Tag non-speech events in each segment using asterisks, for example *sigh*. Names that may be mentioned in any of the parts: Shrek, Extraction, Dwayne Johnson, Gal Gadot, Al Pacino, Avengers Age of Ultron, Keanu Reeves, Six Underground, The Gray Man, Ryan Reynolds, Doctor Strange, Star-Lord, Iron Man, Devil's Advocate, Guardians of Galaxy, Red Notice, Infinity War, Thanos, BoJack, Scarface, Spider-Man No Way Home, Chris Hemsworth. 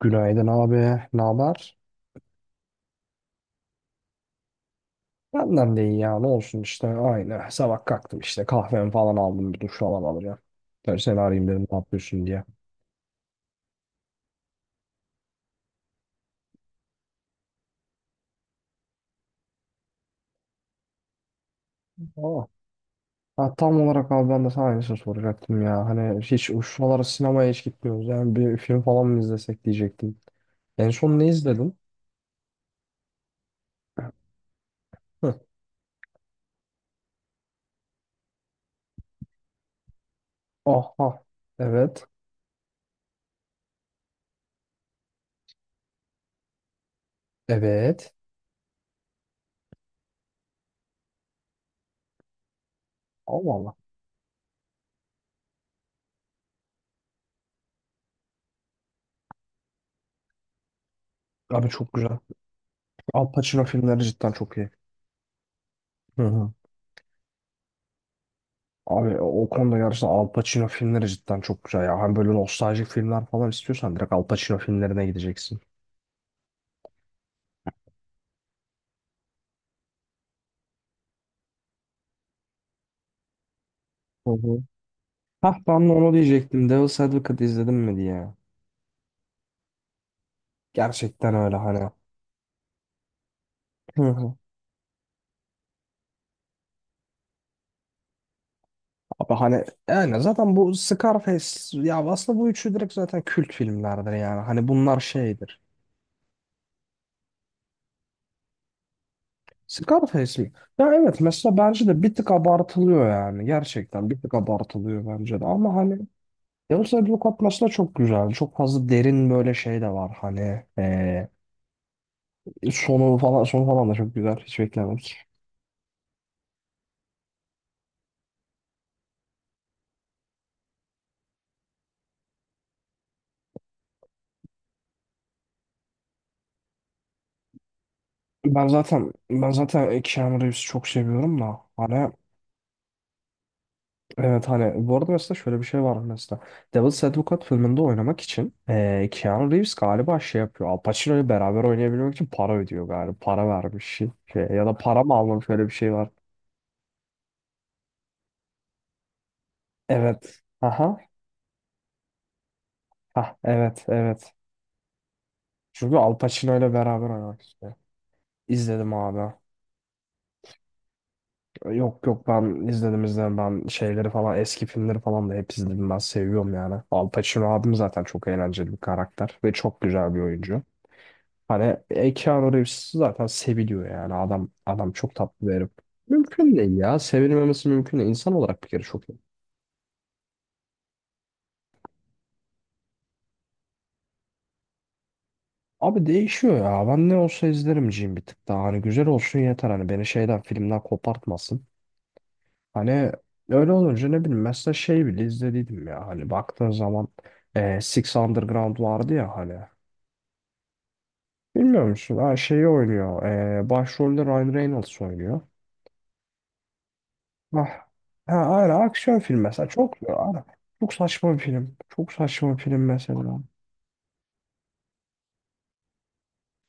Günaydın abi. Ne haber? Benden de iyi ya. Ne olsun işte aynı. Sabah kalktım işte kahvemi falan aldım. Bir duş falan alacağım. Tabii seni arayayım dedim ne yapıyorsun diye. Aa. Ha, tam olarak abi ben de sana aynısını soracaktım ya. Hani hiç uçmalara sinemaya hiç gitmiyoruz. Yani bir film falan mı izlesek diyecektim. En son ne izledin? Hı. Aha. Evet. Evet. Allah Allah. Abi çok güzel. Al Pacino filmleri cidden çok iyi. Hı hı. Abi o konuda gerçekten Al Pacino filmleri cidden çok güzel ya. Hani böyle nostaljik filmler falan istiyorsan direkt Al Pacino filmlerine gideceksin. Hı hı. Hah ben de onu diyecektim. Devil's Advocate izledim mi diye. Gerçekten öyle hani. Hı hı. Abi hani yani zaten bu Scarface ya aslında bu üçü direkt zaten kült filmlerdir yani. Hani bunlar şeydir. Scarface mi? Ya evet mesela bence de bir tık abartılıyor yani. Gerçekten bir tık abartılıyor bence de. Ama hani Devil's Advocate mesela çok güzel. Çok fazla derin böyle şey de var hani. Sonu falan sonu falan da çok güzel. Hiç beklemedik. Ben zaten Keanu Reeves'i çok seviyorum da hani evet hani bu arada mesela şöyle bir şey var mesela Devil's Advocate filminde oynamak için Keanu Reeves galiba şey yapıyor Al Pacino'yu beraber oynayabilmek için para ödüyor galiba para vermiş şey şey ya da para mı almış öyle bir şey var evet aha ha evet evet çünkü Al Pacino ile beraber oynamak istiyor. İzledim abi. Yok yok ben izledim izledim ben şeyleri falan eski filmleri falan da hep izledim ben seviyorum yani. Al Pacino abim zaten çok eğlenceli bir karakter ve çok güzel bir oyuncu. Hani Keanu Reeves zaten seviliyor yani adam çok tatlı bir herif. Mümkün değil ya sevilmemesi mümkün değil insan olarak bir kere çok iyi. Abi değişiyor ya ben ne olsa izlerim Jim bir tık daha hani güzel olsun yeter hani beni şeyden filmden kopartmasın. Hani öyle olunca ne bileyim mesela şey bile izlediydim ya hani baktığın zaman Six Underground vardı ya hani. Bilmiyor musun? Ha, şeyi oynuyor. Başrolde Ryan Reynolds oynuyor. Ah. Ha, aynen aksiyon film mesela çok aynen. Çok saçma bir film. Çok saçma bir film mesela.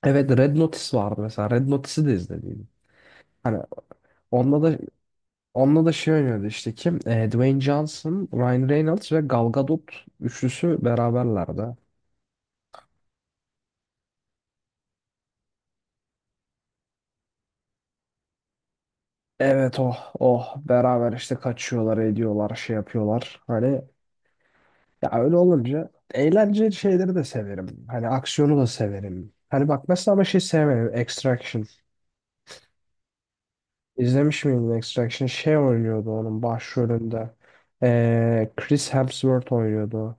Evet Red Notice vardı mesela. Red Notice'i de izlediydim. Hani onunla da onunla da şey oynuyordu işte kim? Dwayne Johnson, Ryan Reynolds ve Gal Gadot üçlüsü beraberlerdi. Evet oh oh beraber işte kaçıyorlar ediyorlar şey yapıyorlar hani ya öyle olunca eğlenceli şeyleri de severim hani aksiyonu da severim hani bak mesela ama şey sevmedim Extraction izlemiş miydin Extraction şey oynuyordu onun başrolünde. Chris Hemsworth oynuyordu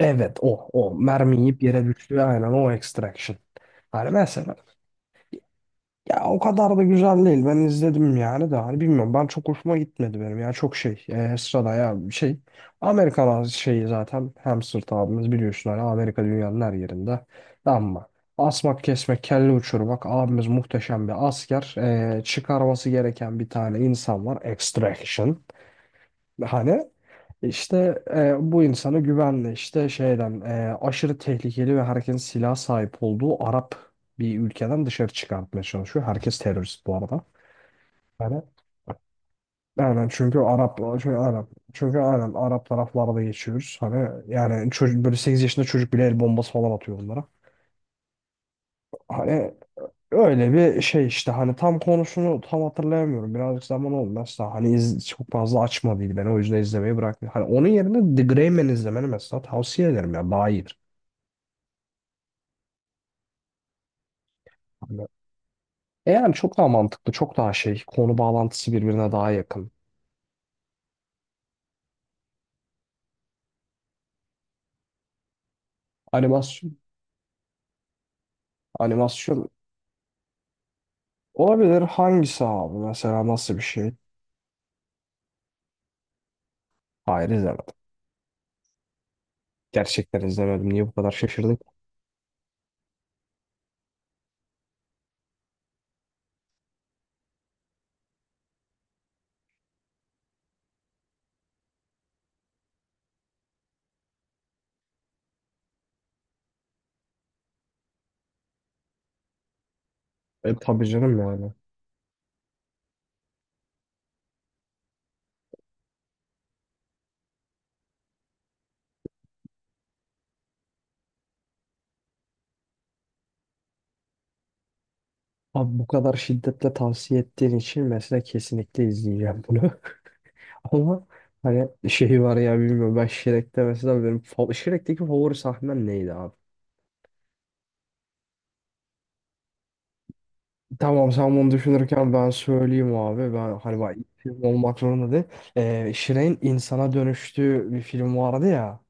evet o mermi yiyip yere düştü aynen o Extraction hani mesela. Ya o kadar da güzel değil. Ben izledim yani de hani bilmiyorum. Ben çok hoşuma gitmedi benim. Ya çok şey sırada ya bir şey. Amerikan şeyi zaten hamster abimiz biliyorsun hani Amerika dünyanın her yerinde. Ama asmak kesmek kelle uçurmak abimiz muhteşem bir asker. Çıkarması gereken bir tane insan var. Extraction. Hani işte bu insana güvenle işte şeyden aşırı tehlikeli ve herkesin silah sahip olduğu Arap bir ülkeden dışarı çıkartmaya çalışıyor. Herkes terörist bu arada. Hani aynen çünkü Arap çünkü aynen çünkü aynen Arap taraflarda geçiyoruz. Hani yani çocuk böyle 8 yaşında çocuk bile el bombası falan atıyor onlara. Hani öyle bir şey işte hani tam konusunu tam hatırlayamıyorum. Birazcık zaman olmaz da hani iz, çok fazla açmadıydı ben o yüzden izlemeyi bıraktım. Hani onun yerine The Gray Man izlemeni mesela tavsiye ederim ya daha iyidir. Hani, yani çok daha mantıklı çok daha şey konu bağlantısı birbirine daha yakın. Animasyon, animasyon olabilir hangisi abi mesela nasıl bir şey? Hayır izlemedim. Gerçekten izlemedim. Niye bu kadar şaşırdık? E tabii canım yani. Abi bu kadar şiddetle tavsiye ettiğin için mesela kesinlikle izleyeceğim bunu. *laughs* Ama hani şeyi var ya bilmiyorum ben Shrek'te mesela benim Shrek'teki favori sahnem neydi abi? Tamam sen bunu düşünürken ben söyleyeyim abi. Ben hani bak ilk film olmak zorunda değil. Shrek'in insana dönüştüğü bir film vardı ya.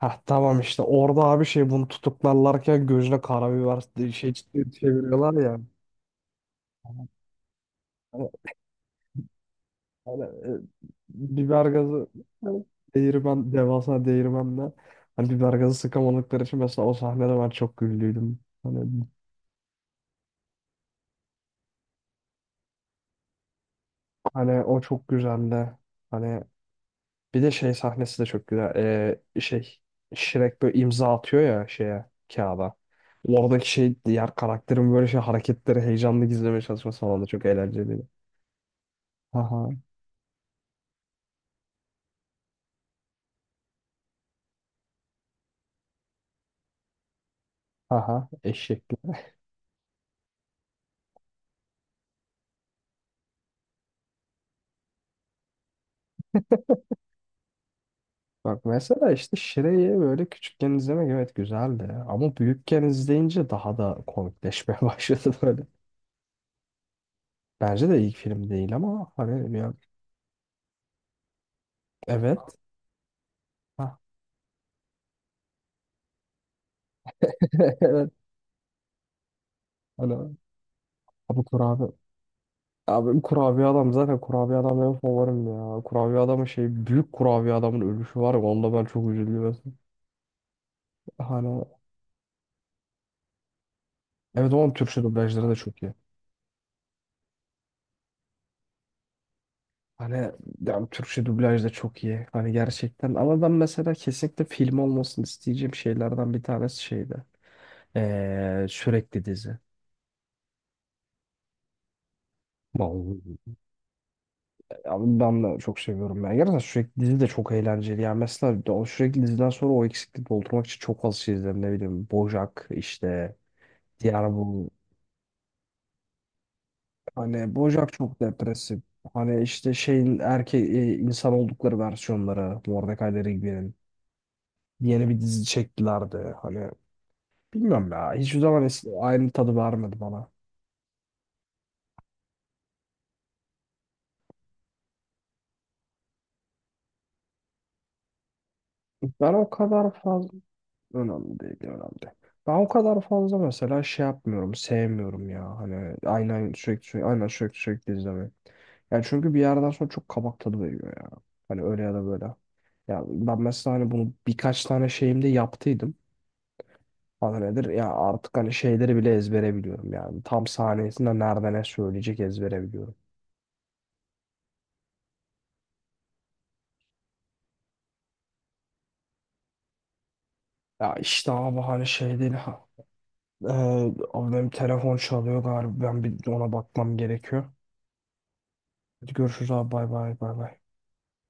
Heh tamam işte orada abi şey bunu tutuklarlarken gözüne karabiber şey çeviriyorlar ya. Hani, hani, e, Biber gazı hani değirmen devasa değirmenle hani biber gazı sıkamadıkları için mesela o sahnede ben çok güldüydüm. Hani hani o çok güzeldi. Hani bir de şey sahnesi de çok güzel. Şey Shrek böyle imza atıyor ya şeye kağıda. Oradaki şey diğer karakterin böyle şey hareketleri heyecanlı gizlemeye çalışması falan da çok eğlenceliydi. Haha haha eşeklik. Bak mesela işte Shrek'i böyle küçükken izlemek evet güzeldi. Ama büyükken izleyince daha da komikleşmeye *laughs* başladı böyle. Bence de ilk film değil ama hani ya, evet. Ha, *laughs* evet. Hani, ha, bu kurabiye. Abi kurabiye adam zaten kurabiye adam benim favorim ya. Kurabiye adamın şey büyük kurabiye adamın ölüşü var ya onda ben çok üzülüyorum. Hani evet onun Türkçe dublajları da çok iyi. Hani yani Türkçe dublaj da çok iyi. Hani gerçekten ama ben mesela kesinlikle film olmasını isteyeceğim şeylerden bir tanesi şeydi. Sürekli dizi. Vallahi. Abi ben de çok seviyorum ya. Gerçekten sürekli dizi de çok eğlenceli. Yani mesela o sürekli diziden sonra o eksikliği doldurmak için çok az şey izledim. Ne bileyim BoJack işte diğer bu hani Bojack çok depresif. Hani işte şeyin insan oldukları versiyonları Mordecai Rigby'nin yeni bir dizi çektilerdi. Hani bilmiyorum ya hiçbir zaman aynı tadı vermedi bana. Ben o kadar fazla önemli değil önemli değil. Ben o kadar fazla mesela şey yapmıyorum sevmiyorum ya hani aynen sürekli sürekli aynen sürekli sürekli izlemeyi. Yani çünkü bir yerden sonra çok kabak tadı veriyor ya. Hani öyle ya da böyle. Ya ben mesela hani bunu birkaç tane şeyimde yaptıydım. Adı nedir? Ya artık hani şeyleri bile ezbere biliyorum yani. Tam sahnesinde nerede ne söyleyecek ezbere biliyorum. Ya işte abi hani şey değil ha. Ee, Abi benim telefon çalıyor galiba. Ben bir ona bakmam gerekiyor. Hadi görüşürüz abi bay bay bay bay.